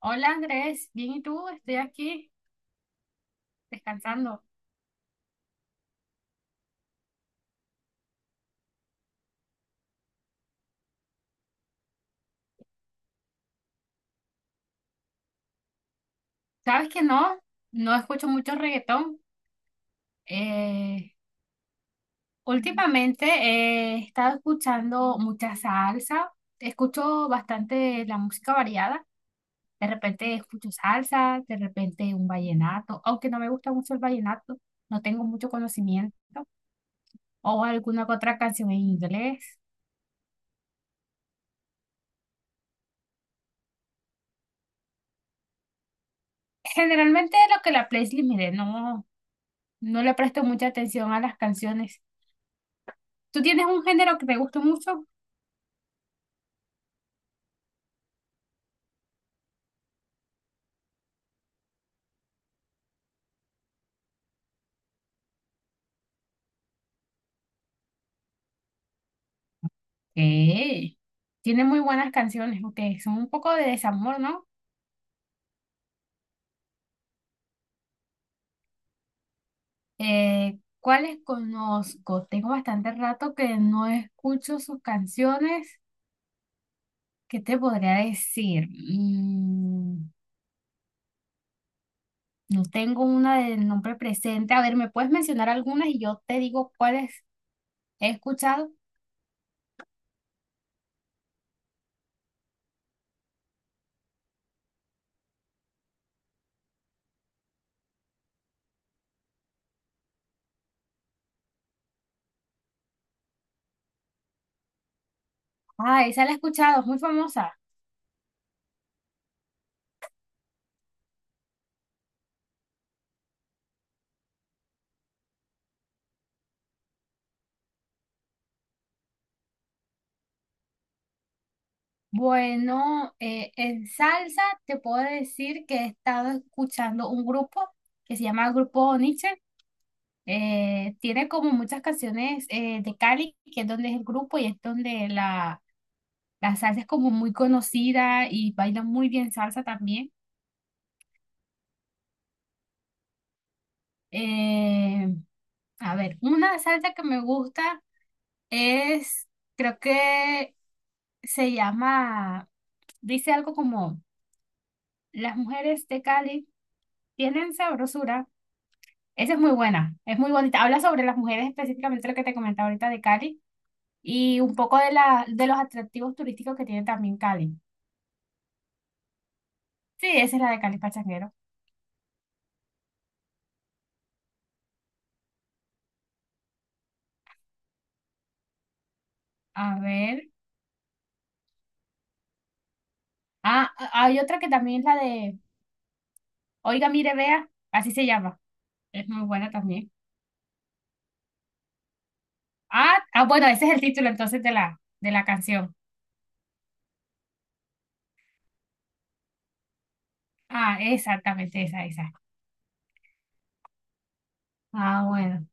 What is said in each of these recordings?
Hola Andrés, bien y tú, estoy aquí descansando. ¿Sabes que no? No escucho mucho reggaetón. Eh, Últimamente he estado escuchando mucha salsa, escucho bastante la música variada. De repente escucho salsa, de repente un vallenato, aunque no me gusta mucho el vallenato, no tengo mucho conocimiento, o alguna que otra canción en inglés. Generalmente lo que la playlist me dé, no, no le presto mucha atención a las canciones. ¿Tú tienes un género que te gusta mucho? Eh, tiene muy buenas canciones, aunque son un poco de desamor, ¿no? ¿Cuáles conozco? Tengo bastante rato que no escucho sus canciones. ¿Qué te podría decir? No tengo una de nombre presente. A ver, ¿me puedes mencionar algunas y yo te digo cuáles he escuchado? Ah, esa la he escuchado, es muy famosa. Bueno, en salsa te puedo decir que he estado escuchando un grupo que se llama Grupo Nietzsche. Tiene como muchas canciones de Cali, que es donde es el grupo y es donde la salsa es como muy conocida y baila muy bien salsa también. Eh, a ver, una salsa que me gusta es, creo que se llama, dice algo como, las mujeres de Cali tienen sabrosura. Esa es muy buena, es muy bonita. Habla sobre las mujeres, específicamente lo que te comentaba ahorita de Cali y un poco de los atractivos turísticos que tiene también Cali. Sí, esa es la de Cali Pachanguero. A ver. Ah, hay otra que también es la de Oiga, mire, vea, así se llama. Es muy buena también. Ah, ah, bueno, ese es el título entonces de de la canción. Ah, exactamente, esa, esa. Ah, bueno.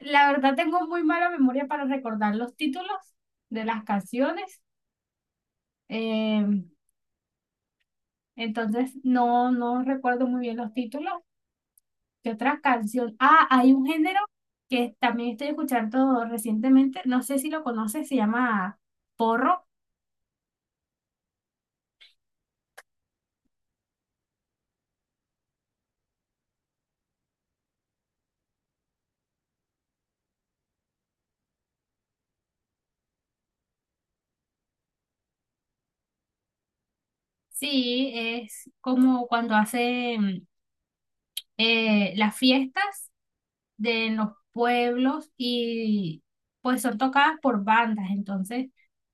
La verdad tengo muy mala memoria para recordar los títulos de las canciones. Em, Entonces, no, no recuerdo muy bien los títulos. ¿Qué otra canción? Ah, hay un género que también estoy escuchando recientemente. No sé si lo conoces, se llama porro. Sí, es como cuando hacen las fiestas de los pueblos y pues son tocadas por bandas. Entonces,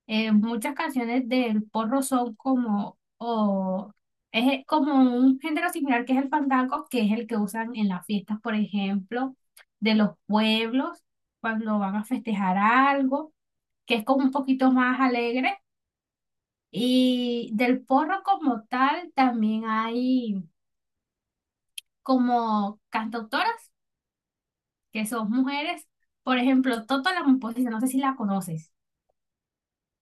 muchas canciones del porro son como, o es como un género similar que es el fandango, que es el que usan en las fiestas, por ejemplo, de los pueblos, cuando van a festejar algo, que es como un poquito más alegre. Y del porro como tal también hay como cantautoras que son mujeres. Por ejemplo, Toto la Momposina, no sé si la conoces.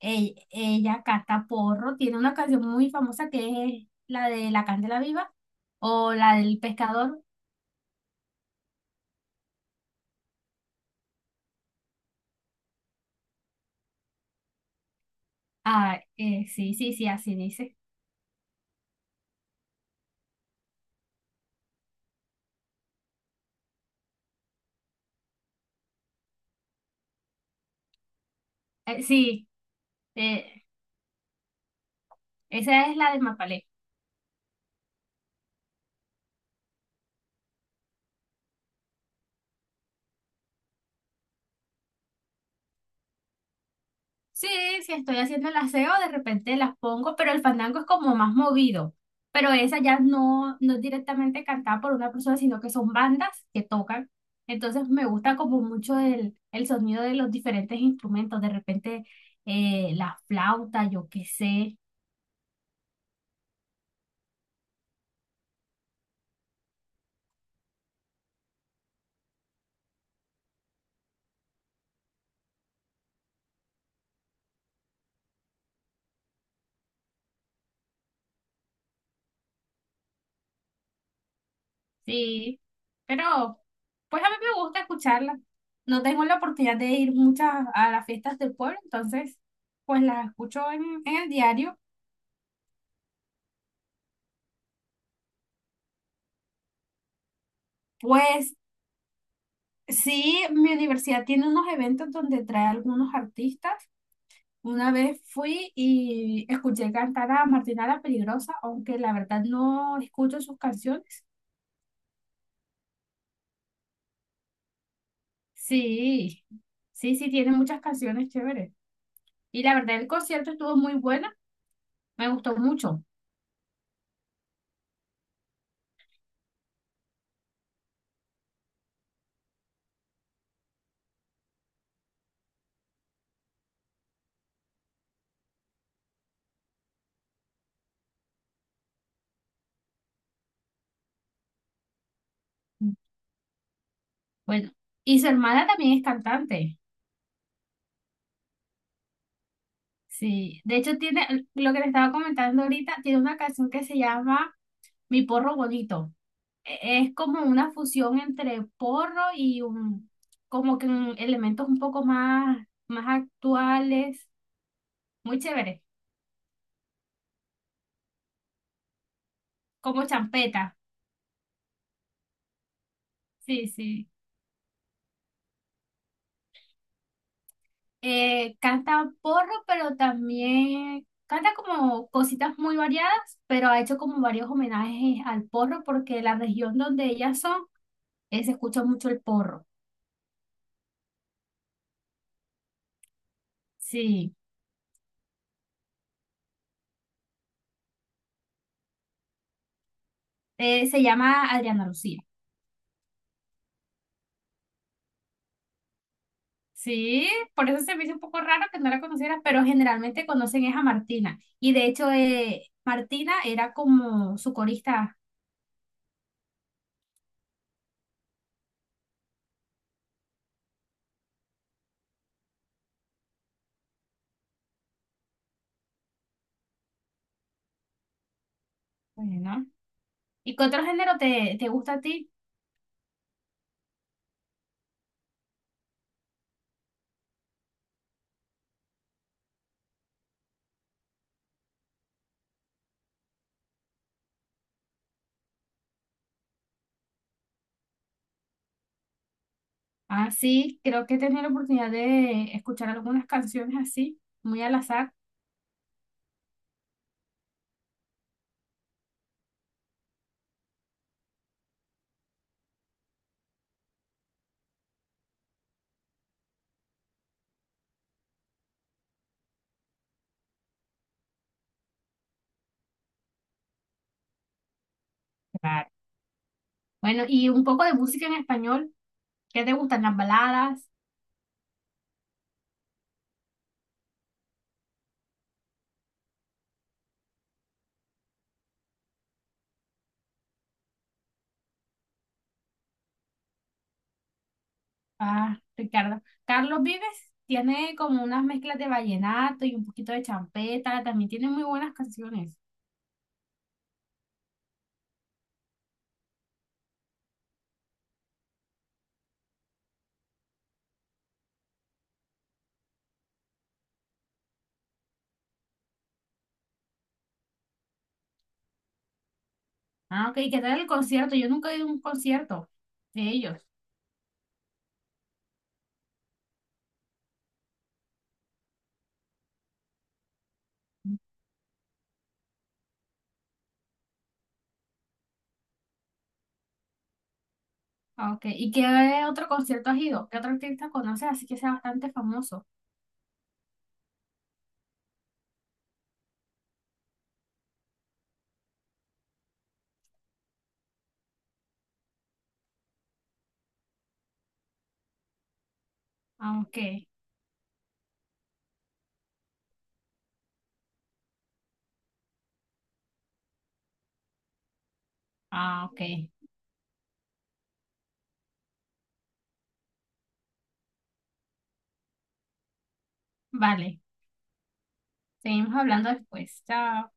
Ella canta porro, tiene una canción muy famosa que es la de La Candela Viva o la del pescador. Ah, sí, sí, sí, así dice. Sí, eh, esa es la de Mapalé. Sí, si estoy haciendo el aseo, de repente las pongo, pero el fandango es como más movido. Pero esa ya no, no es directamente cantada por una persona, sino que son bandas que tocan. Entonces me gusta como mucho el sonido de los diferentes instrumentos, de repente la flauta, yo qué sé. Sí, pero pues a mí me gusta escucharla. No tengo la oportunidad de ir muchas a las fiestas del pueblo, entonces pues las escucho en el diario. Pues sí, mi universidad tiene unos eventos donde trae algunos artistas. Una vez fui y escuché cantar a Martina la Peligrosa, aunque la verdad no escucho sus canciones. Sí, sí, sí, tiene muchas canciones chéveres. Y la verdad el concierto estuvo muy bueno, me gustó mucho. Bueno, y su hermana también es cantante. Sí, de hecho tiene, lo que le estaba comentando ahorita, tiene una canción que se llama Mi Porro Bonito. Es como una fusión entre porro y como que elementos un poco más, más actuales, muy chévere, como champeta, sí, sí. Canta porro, pero también canta como cositas muy variadas, pero ha hecho como varios homenajes al porro porque la región donde ellas son, se escucha mucho el porro, sí. Se llama Adriana Lucía. Sí, por eso se me hizo un poco raro que no la conociera, pero generalmente conocen es a Martina. Y de hecho, Martina era como su corista, pues, ¿no? ¿Y qué otro género te gusta a ti? Ah, sí, creo que he tenido la oportunidad de escuchar algunas canciones así, muy al azar. Claro. Bueno, y un poco de música en español. ¿Qué te gustan? Las baladas. Ah, Ricardo. Carlos Vives tiene como unas mezclas de vallenato y un poquito de champeta. También tiene muy buenas canciones. Ah, ok. ¿Qué tal el concierto? Yo nunca he ido a un concierto de ellos. Ah, ok. ¿Y qué otro concierto has ido? ¿Qué otro artista conoces? Así que sea bastante famoso. Ah, ok. Ah, ok. Vale. Seguimos hablando después. Chao.